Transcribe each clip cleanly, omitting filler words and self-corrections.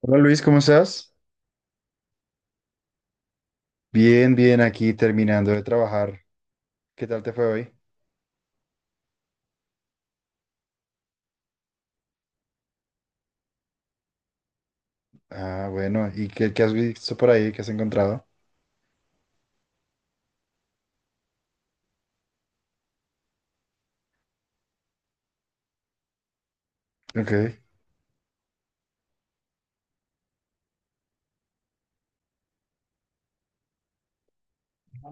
Hola Luis, ¿cómo estás? Bien, bien, aquí terminando de trabajar. ¿Qué tal te fue hoy? Ah, bueno, ¿y qué has visto por ahí? ¿Qué has encontrado? Ok.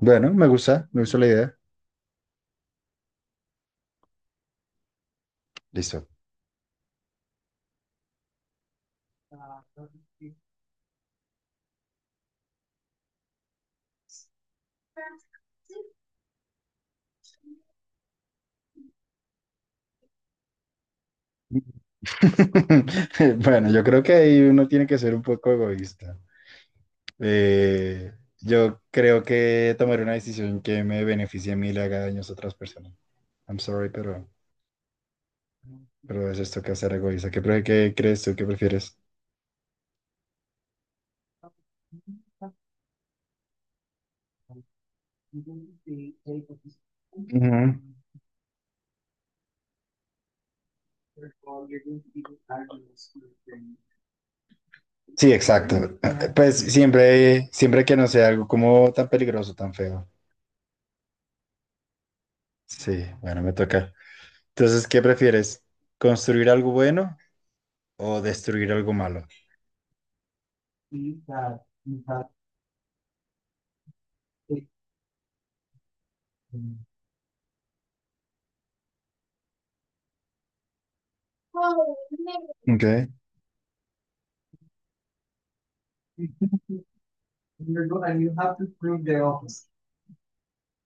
Bueno, me gusta la idea. Listo. Bueno, yo creo que ahí uno tiene que ser un poco egoísta. Eh, yo creo que tomar una decisión que me beneficie a mí y le haga daños a otras personas. I'm sorry, pero es esto que hacer egoísta. ¿Qué crees tú? ¿Qué prefieres? Ujú. Sí, exacto. Pues siempre, siempre que no sea algo como tan peligroso, tan feo. Sí, bueno, me toca. Entonces, ¿qué prefieres? ¿Construir algo bueno o destruir algo malo? Ok.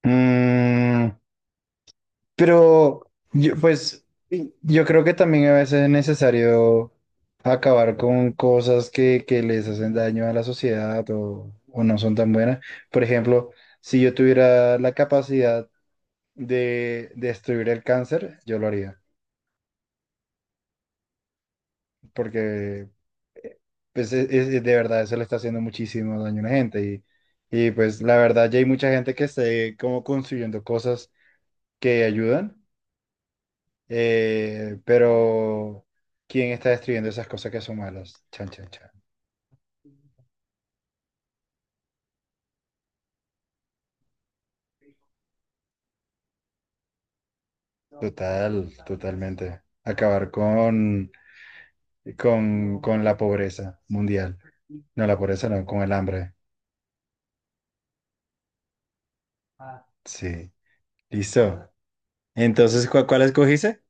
Mm, pero yo, pues yo creo que también a veces es necesario acabar con cosas que les hacen daño a la sociedad o no son tan buenas. Por ejemplo, si yo tuviera la capacidad de destruir el cáncer, yo lo haría. Porque pues, de verdad eso le está haciendo muchísimo daño a la gente y pues la verdad ya hay mucha gente que esté como construyendo cosas que ayudan, pero ¿quién está destruyendo esas cosas que son malas? Chan, chan, chan. Total, totalmente. Acabar con, con la pobreza mundial. No, la pobreza no, con el hambre. Sí. Listo. Entonces, ¿cuál escogiste?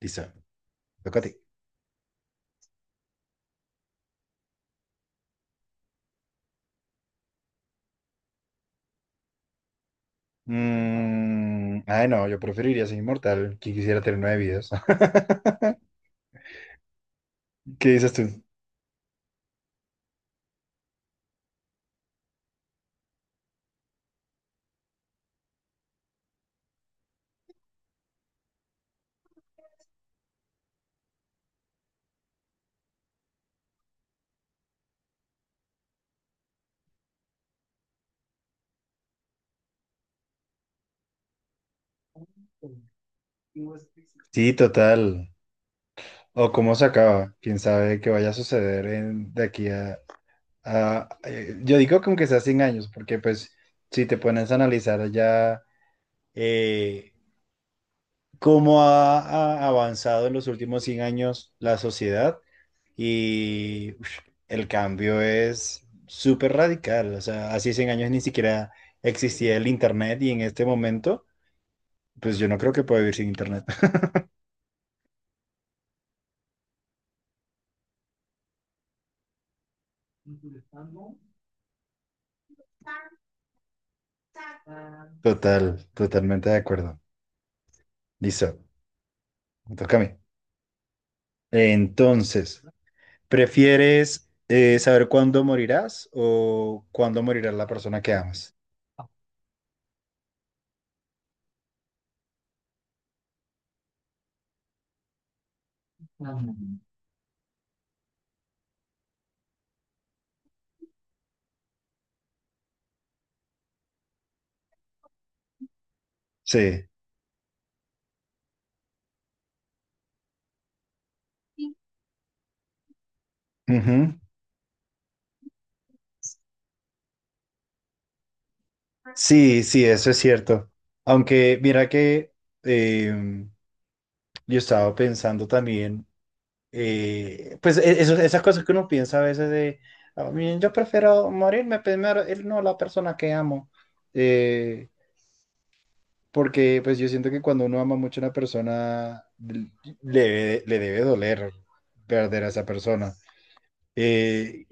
Listo. Toca a ti. Ay, no, yo preferiría ser inmortal, que quisiera tener nueve vidas. ¿Qué dices tú? Sí, total. O cómo se acaba. Quién sabe qué vaya a suceder de aquí a, yo digo como que sea 100 años, porque pues si te pones a analizar ya eh, cómo ha avanzado en los últimos 100 años la sociedad y uf, el cambio es súper radical. O sea, hace 100 años ni siquiera existía el Internet y en este momento, pues yo no creo que pueda vivir sin Internet. Total, totalmente de acuerdo. Listo, me toca a mí. Entonces, ¿prefieres saber cuándo morirás o cuándo morirá la persona que amas? Sí. Sí, sí, eso es cierto. Aunque mira que eh, yo estaba pensando también, pues esas cosas que uno piensa a veces de, "Ah, miren, yo prefiero morirme primero, él no la persona que amo, Eh, porque pues yo siento que cuando uno ama mucho a una persona, le debe doler perder a esa persona. Eh,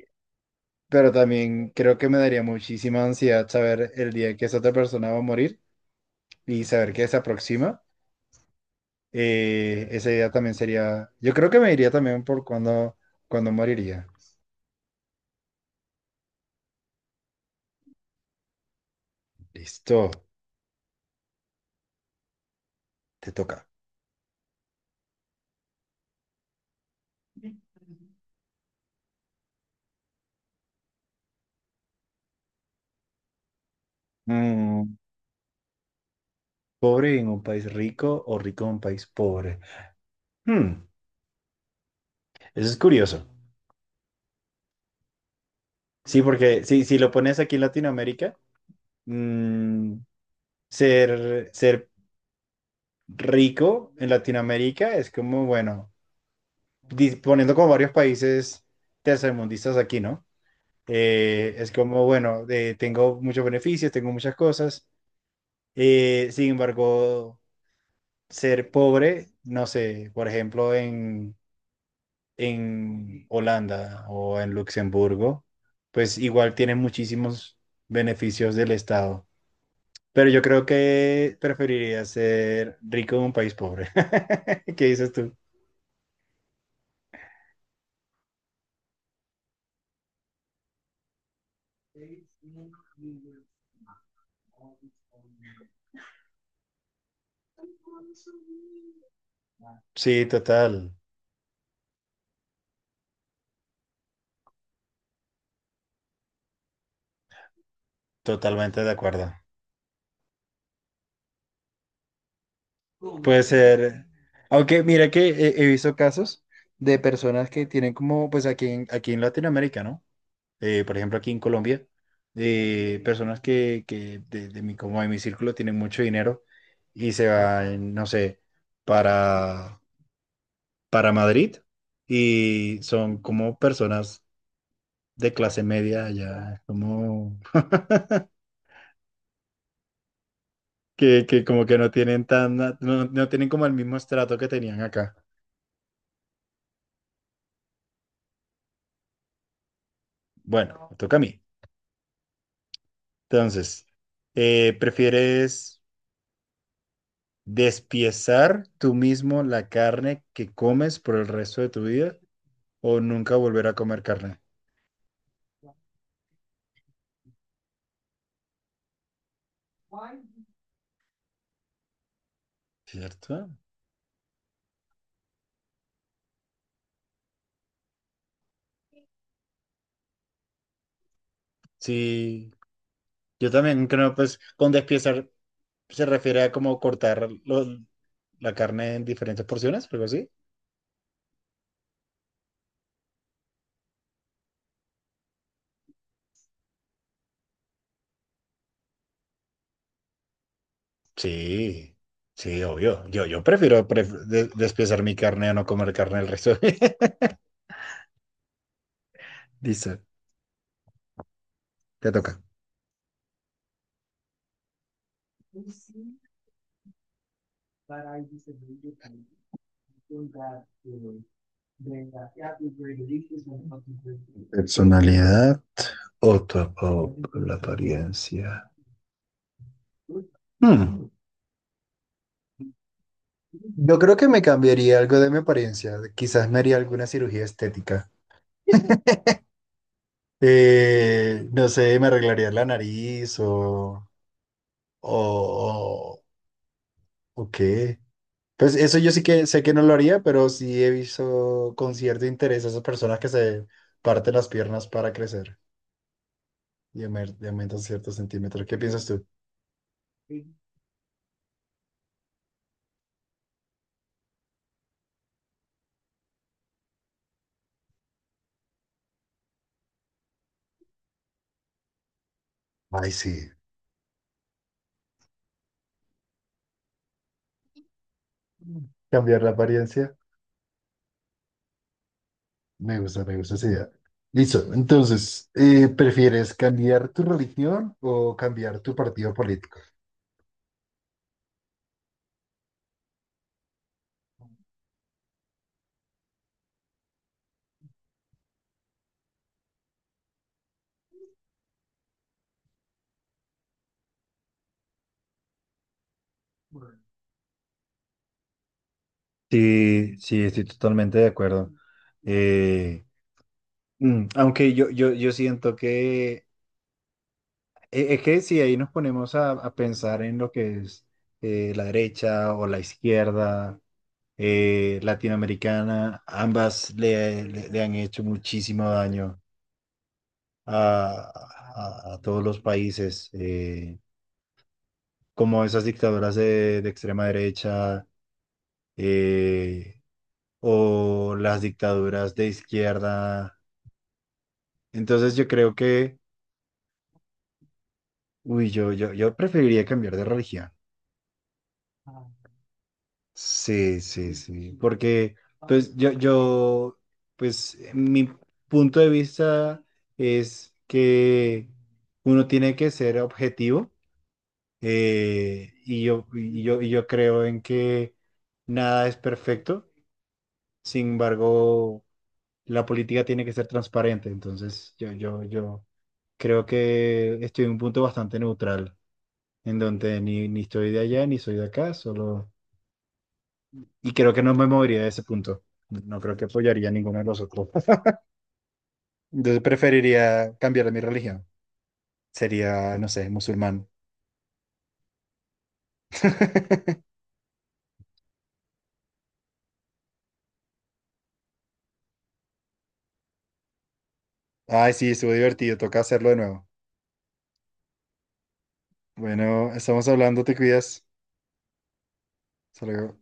pero también creo que me daría muchísima ansiedad saber el día que esa otra persona va a morir y saber que se aproxima. Esa idea también sería. Yo creo que me iría también por cuando moriría. Listo, te toca. Mm, ¿pobre en un país rico o rico en un país pobre? Hmm, eso es curioso. Sí, porque si lo pones aquí en Latinoamérica, mm, ser rico en Latinoamérica es como, bueno, poniendo como varios países tercermundistas aquí, ¿no? Es como, bueno, tengo muchos beneficios, tengo muchas cosas. Sin embargo, ser pobre, no sé, por ejemplo, en Holanda o en Luxemburgo, pues igual tiene muchísimos beneficios del Estado. Pero yo creo que preferiría ser rico en un país pobre. ¿Qué dices tú? Sí, total, totalmente de acuerdo. Puede ser. Aunque mira que he visto casos de personas que tienen como, pues aquí en Latinoamérica, ¿no? Por ejemplo, aquí en Colombia, personas que de mi, como de mi círculo tienen mucho dinero y se van, no sé, para, para Madrid y son como personas de clase media allá, como que como que no tienen tan, no, no tienen como el mismo estrato que tenían acá. Bueno, me toca a mí. Entonces, ¿prefieres despiezar tú mismo la carne que comes por el resto de tu vida? O nunca volver a comer carne, ¿cierto? Sí, yo también creo, pues, con despiezar se refiere a como cortar la carne en diferentes porciones, algo así. Sí, sí, obvio. Yo prefiero despiezar mi carne a no comer carne el resto. Listo, te toca. Personalidad o la apariencia. Hmm, Yo creo que me cambiaría algo de mi apariencia. Quizás me haría alguna cirugía estética. No sé, me arreglaría la nariz o, o, o, o qué. Pues eso yo sí que sé que no lo haría, pero sí he visto con cierto interés a esas personas que se parten las piernas para crecer y y aumentan ciertos centímetros. ¿Qué piensas tú? Ay, sí. Cambiar la apariencia. Me gusta esa idea. Listo. Entonces, ¿prefieres cambiar tu religión o cambiar tu partido político? Sí, sí, estoy totalmente de acuerdo. Aunque yo siento que es que si ahí nos ponemos a pensar en lo que es la derecha o la izquierda latinoamericana, ambas le han hecho muchísimo daño a, a todos los países, como esas dictaduras de extrema derecha eh, o las dictaduras de izquierda. Entonces yo creo que, uy, yo preferiría cambiar de religión. Sí, sí, sí, porque pues pues mi punto de vista es que uno tiene que ser objetivo y yo creo en que nada es perfecto, sin embargo, la política tiene que ser transparente, entonces yo creo que estoy en un punto bastante neutral, en donde ni estoy de allá ni soy de acá, solo. Y creo que no me movería de ese punto. No creo que apoyaría a ninguno de los otros. Entonces preferiría cambiar mi religión. Sería, no sé, musulmán. Ay, sí, estuvo divertido. Toca hacerlo de nuevo. Bueno, estamos hablando, te cuidas. Hasta luego.